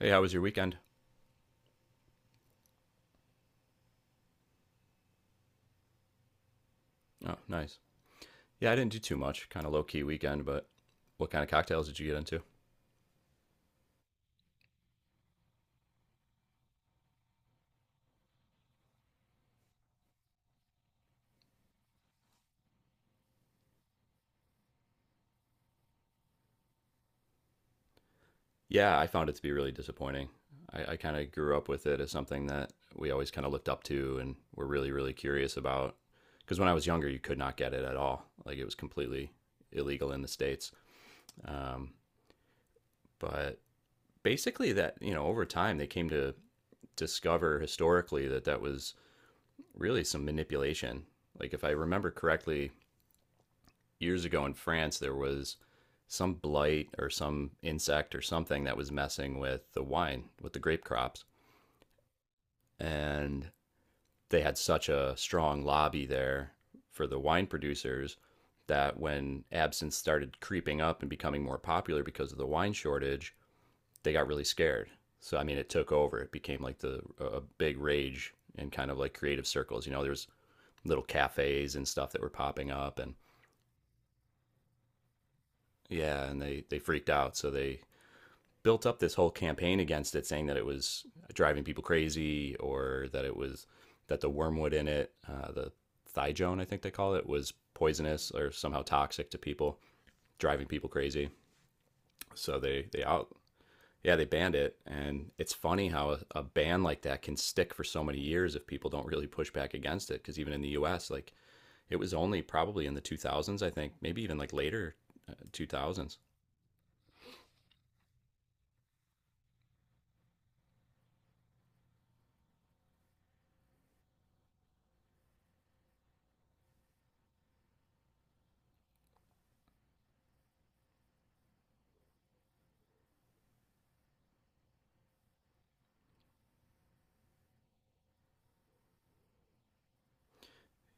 Hey, how was your weekend? Oh, nice. Yeah, I didn't do too much. Kind of low key weekend, but what kind of cocktails did you get into? Yeah, I found it to be really disappointing. I kind of grew up with it as something that we always kind of looked up to and were really, really curious about. Because when I was younger, you could not get it at all. Like it was completely illegal in the States. Um, but basically, that, over time, they came to discover historically that that was really some manipulation. Like if I remember correctly, years ago in France, there was some blight or some insect or something that was messing with the wine, with the grape crops. And they had such a strong lobby there for the wine producers that when absinthe started creeping up and becoming more popular because of the wine shortage, they got really scared. So, I mean, it took over. It became like the a big rage in kind of like creative circles. You know, there's little cafes and stuff that were popping up and yeah, and they freaked out. So they built up this whole campaign against it, saying that it was driving people crazy or that it was that the wormwood in it, the thijone, I think they call it, was poisonous or somehow toxic to people, driving people crazy. So they out yeah they banned it, and it's funny how a ban like that can stick for so many years if people don't really push back against it. Because even in the U.S., like it was only probably in the 2000s, I think, maybe even like later 2000s.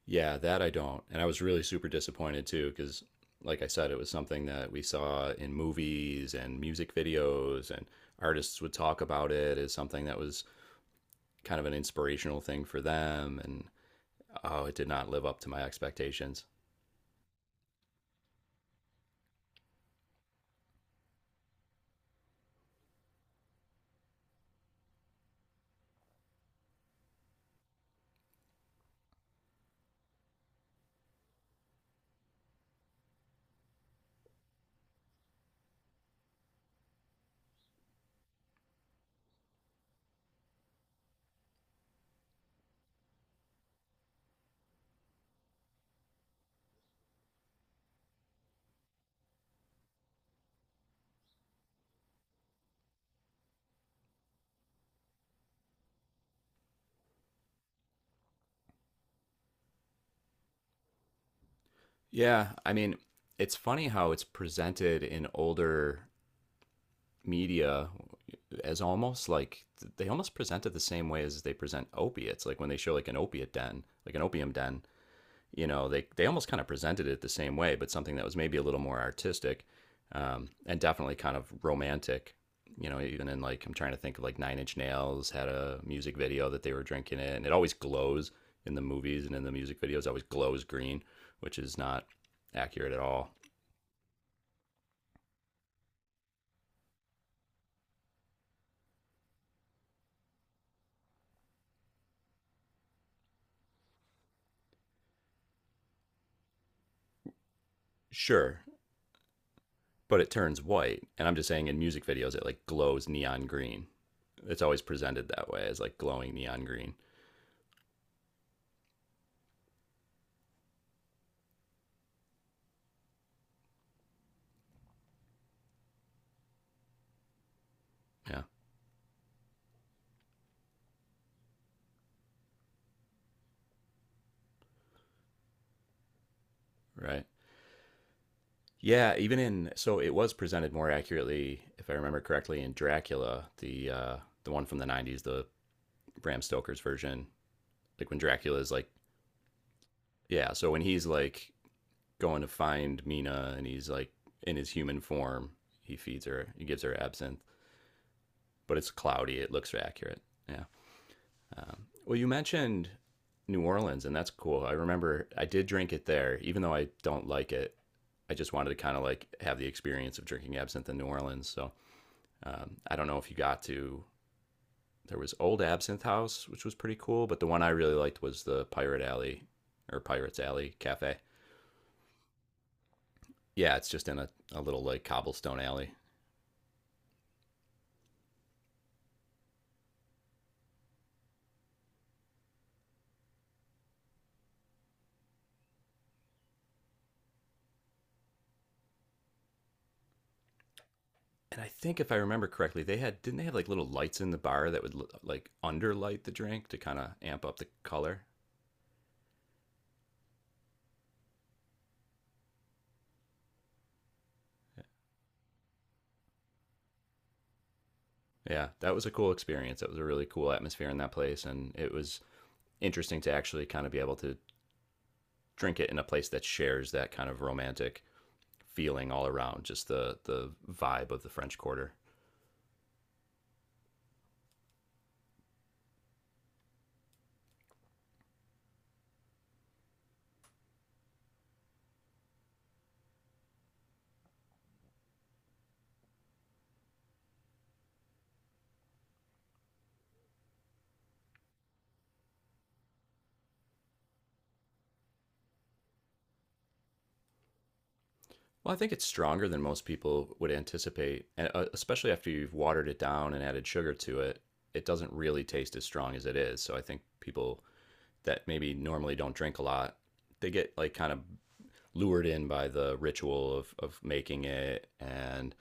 Yeah, that I don't. And I was really super disappointed too, because, like I said, it was something that we saw in movies and music videos, and artists would talk about it as something that was kind of an inspirational thing for them. And oh, it did not live up to my expectations. Yeah, I mean, it's funny how it's presented in older media as almost like they almost present it the same way as they present opiates, like when they show like an opiate den, like an opium den. You know, they almost kind of presented it the same way, but something that was maybe a little more artistic, and definitely kind of romantic. You know, even in like I'm trying to think of like Nine Inch Nails had a music video that they were drinking in. It always glows in the movies and in the music videos. Always glows green, which is not accurate at all. Sure, but it turns white, and I'm just saying in music videos it like glows neon green. It's always presented that way as like glowing neon green. Yeah, right. Yeah, even in so it was presented more accurately, if I remember correctly, in Dracula, the one from the 90s, the Bram Stoker's version. Like when Dracula is like yeah, so when he's like going to find Mina and he's like in his human form, he feeds her, he gives her absinthe, but it's cloudy, it looks accurate. Yeah. Um, well, you mentioned New Orleans, and that's cool. I remember I did drink it there, even though I don't like it. I just wanted to kind of like have the experience of drinking absinthe in New Orleans. So I don't know if you got to. There was Old Absinthe House, which was pretty cool, but the one I really liked was the Pirate Alley or Pirates Alley Cafe. Yeah, it's just in a little like cobblestone alley. And I think if I remember correctly, they had didn't they have like little lights in the bar that would like underlight the drink to kind of amp up the color. Yeah, that was a cool experience. That was a really cool atmosphere in that place, and it was interesting to actually kind of be able to drink it in a place that shares that kind of romantic feeling all around, just the vibe of the French Quarter. Well, I think it's stronger than most people would anticipate, and especially after you've watered it down and added sugar to it, it doesn't really taste as strong as it is. So I think people that maybe normally don't drink a lot, they get like kind of lured in by the ritual of making it and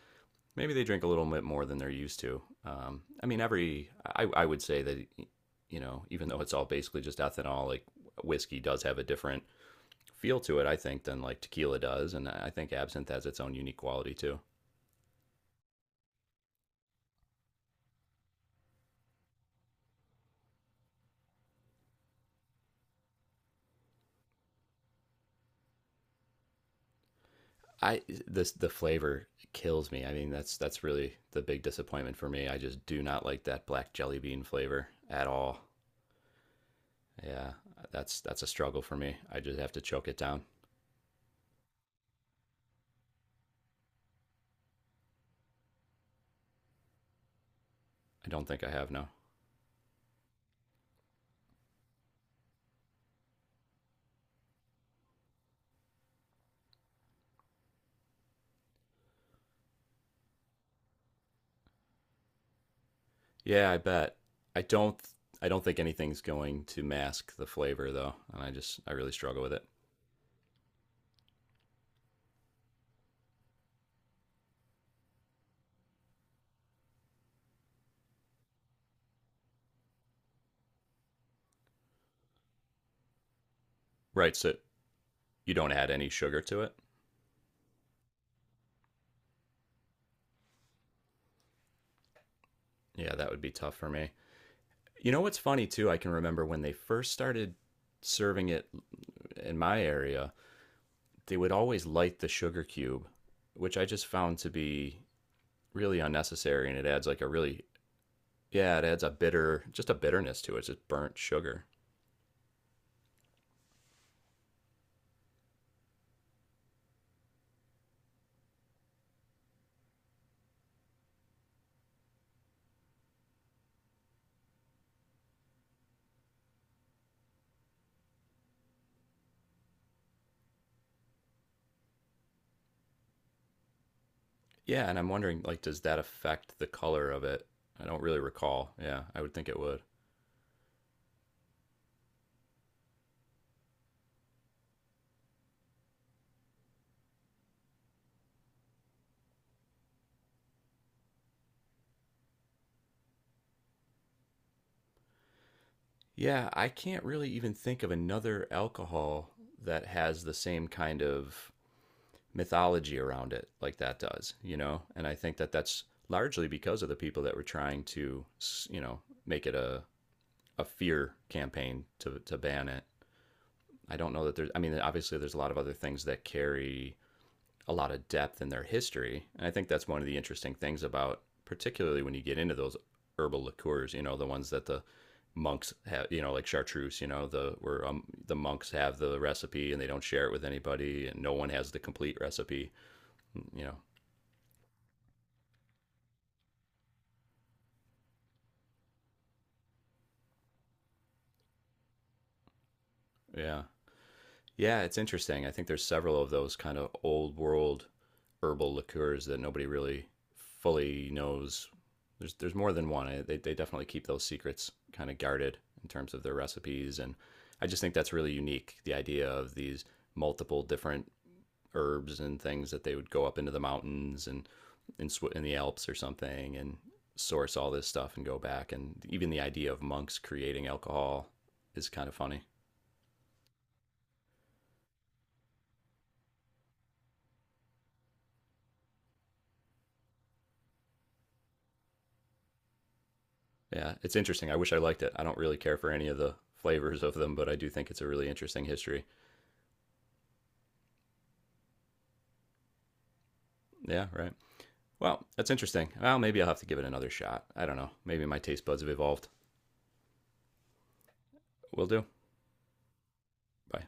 maybe they drink a little bit more than they're used to. I mean every I would say that you know even though it's all basically just ethanol, like whiskey does have a different feel to it, I think, than like tequila does, and I think absinthe has its own unique quality too. I this the flavor kills me. I mean, that's really the big disappointment for me. I just do not like that black jelly bean flavor at all. Yeah, that's a struggle for me. I just have to choke it down. I don't think I have, no. Yeah, I bet. I don't I don't think anything's going to mask the flavor though, and I just I really struggle with it. Right, so you don't add any sugar to it? Yeah, that would be tough for me. You know what's funny too? I can remember when they first started serving it in my area, they would always light the sugar cube, which I just found to be really unnecessary, and it adds like a really yeah, it adds a bitter, just a bitterness to it. It's just burnt sugar. Yeah, and I'm wondering like, does that affect the color of it? I don't really recall. Yeah, I would think it would. Yeah, I can't really even think of another alcohol that has the same kind of mythology around it like that does, you know? And I think that that's largely because of the people that were trying to, you know, make it a fear campaign to ban it. I don't know that there's, I mean, obviously there's a lot of other things that carry a lot of depth in their history. And I think that's one of the interesting things about, particularly when you get into those herbal liqueurs, you know, the ones that the monks have, you know, like chartreuse, you know, the, where the monks have the recipe and they don't share it with anybody and no one has the complete recipe. You know, yeah. Yeah, it's interesting. I think there's several of those kind of old world herbal liqueurs that nobody really fully knows. There's more than one. I- They definitely keep those secrets kind of guarded in terms of their recipes, and I just think that's really unique, the idea of these multiple different herbs and things that they would go up into the mountains and in Swi- in the Alps or something and source all this stuff and go back and even the idea of monks creating alcohol is kind of funny. Yeah, it's interesting. I wish I liked it. I don't really care for any of the flavors of them, but I do think it's a really interesting history. Yeah, right. Well, that's interesting. Well, maybe I'll have to give it another shot. I don't know. Maybe my taste buds have evolved. Will do. Bye.